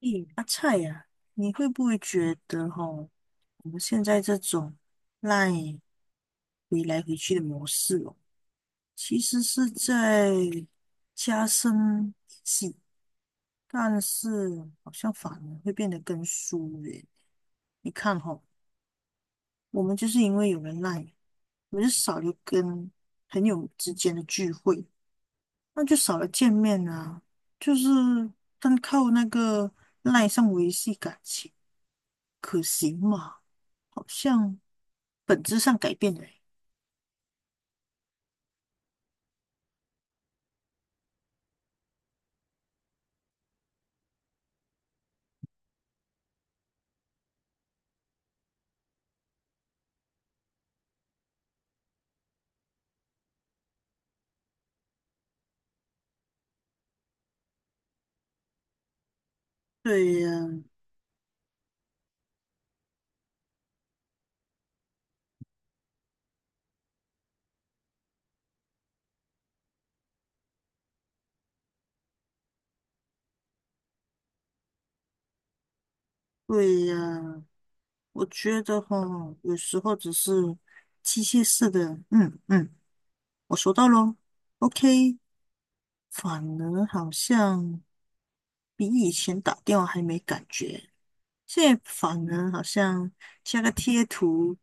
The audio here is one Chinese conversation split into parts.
咦，阿菜呀、你会不会觉得哈，我们现在这种赖回来回去的模式哦，其实是在加深联系，但是好像反而会变得更疏远。你看哈，我们就是因为有人赖，我们就少了跟朋友之间的聚会，那就少了见面啊，就是单靠那个赖上维系感情。可行吗？好像本质上改变了欸。对呀，对呀，我觉得哈，有时候只是机械式的，嗯嗯，我收到咯， OK 反而好像比以前打电话还没感觉，现在反而好像加个贴图，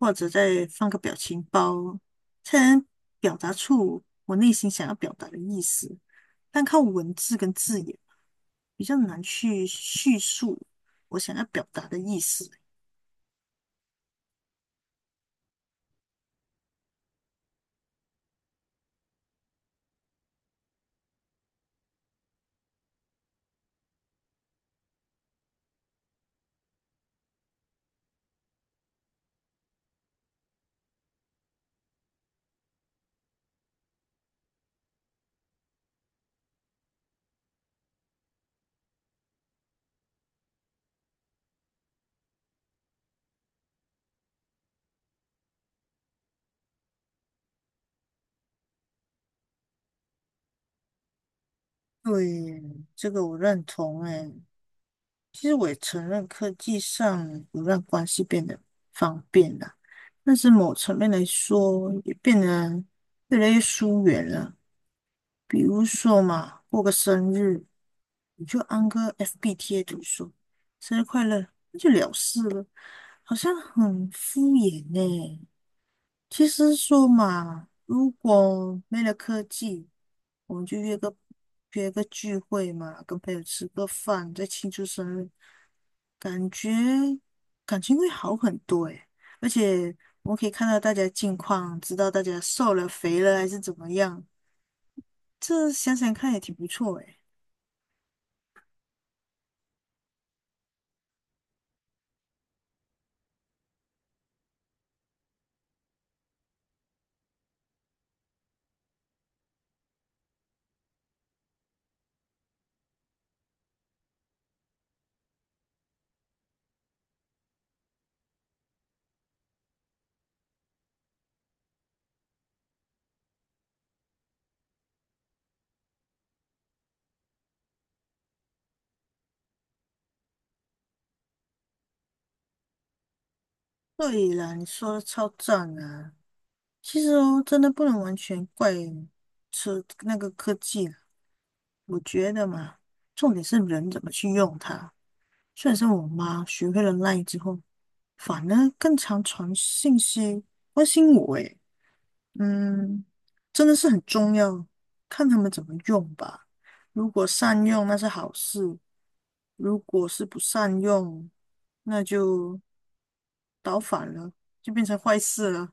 或者再放个表情包，才能表达出我内心想要表达的意思，但靠文字跟字眼。比较难去叙述我想要表达的意思。对，这个我认同诶。其实我也承认科技上有让关系变得方便了，但是某层面来说，也变得越来越疏远了。比如说嘛，过个生日，你就安个 FB 贴图说“生日快乐”，那就了事了，好像很敷衍呢、其实说嘛，如果没了科技，我们就约个聚会嘛，跟朋友吃个饭，再庆祝生日，感觉感情会好很多诶。而且我们可以看到大家近况，知道大家瘦了、肥了还是怎么样，这想想看也挺不错诶。对啦，你说的超赞啊！其实哦，真的不能完全怪车那个科技啦，我觉得嘛，重点是人怎么去用它。虽然说我妈学会了 l 之后，反而更常传信息关心我，诶，嗯，真的是很重要，看他们怎么用吧。如果善用那是好事，如果是不善用，那就倒反了，就变成坏事了。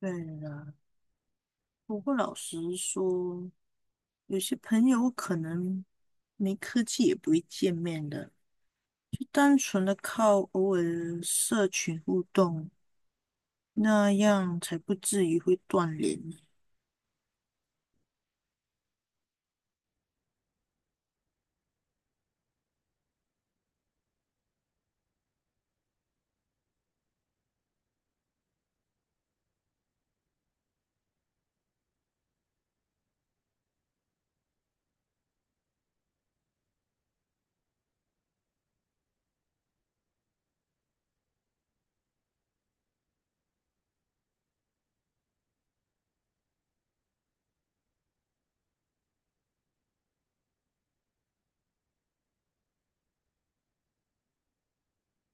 对了，不过老实说，有些朋友可能没科技也不会见面的。就单纯的靠偶尔的社群互动，那样才不至于会断联。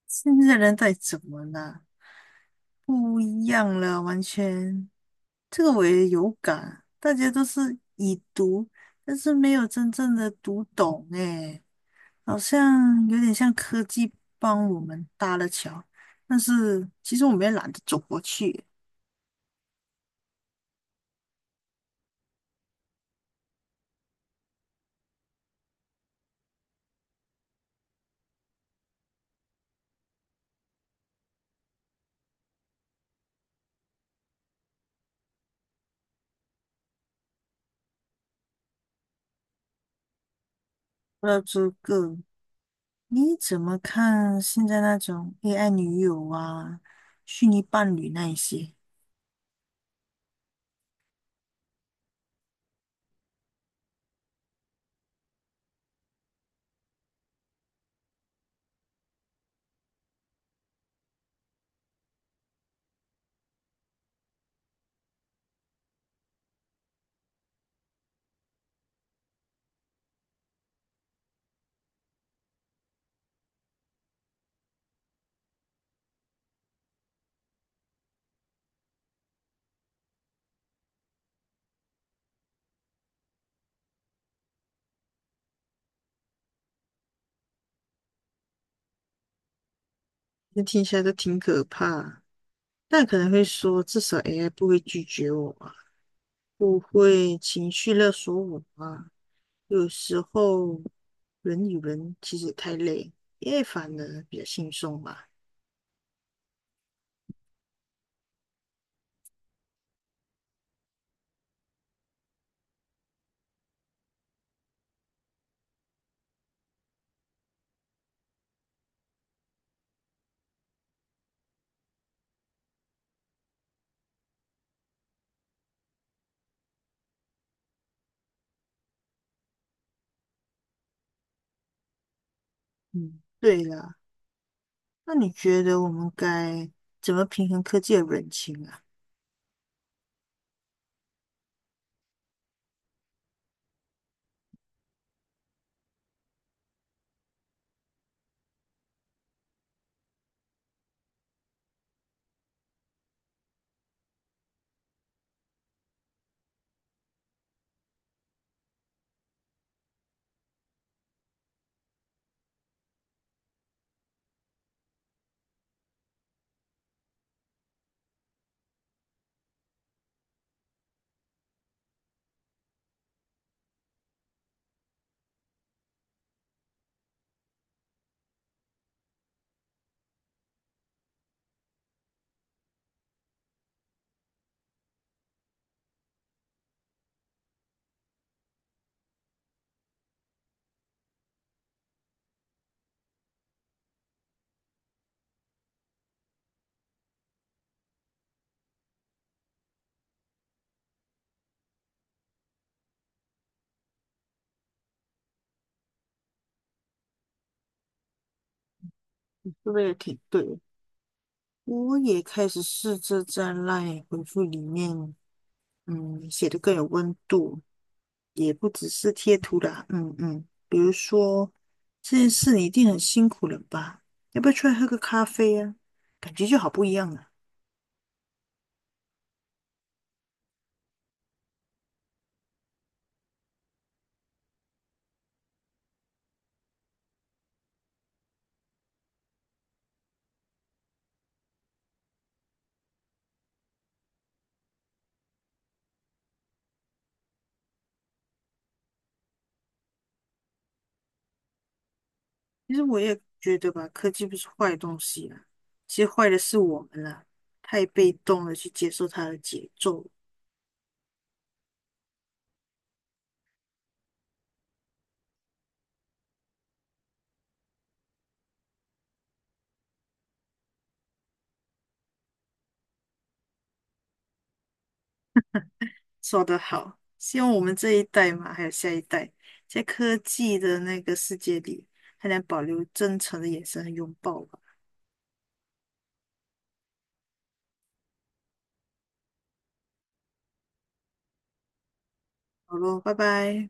现在人在怎么了？不一样了，完全。这个我也有感，大家都是已读，但是没有真正的读懂，诶，好像有点像科技帮我们搭了桥，但是其实我们也懒得走过去。不知道这个你怎么看现在那种 AI 女友啊、虚拟伴侣那一些？这听起来都挺可怕。但可能会说，至少 AI 不会拒绝我啊，不会情绪勒索我啊。有时候人与人其实太累，AI 反而比较轻松吧。嗯，对了，那你觉得我们该怎么平衡科技的人情啊？这个也挺对的。我也开始试着在 LINE 回复里面。嗯，写的更有温度，也不只是贴图啦。嗯嗯，比如说这件事你一定很辛苦了吧？要不要出来喝个咖啡啊？感觉就好不一样了。其实我也觉得吧，科技不是坏东西啊，其实坏的是我们啦，太被动的去接受它的节奏。说得好，希望我们这一代嘛，还有下一代，在科技的那个世界里，还能保留真诚的眼神和拥抱吧。好咯，拜拜。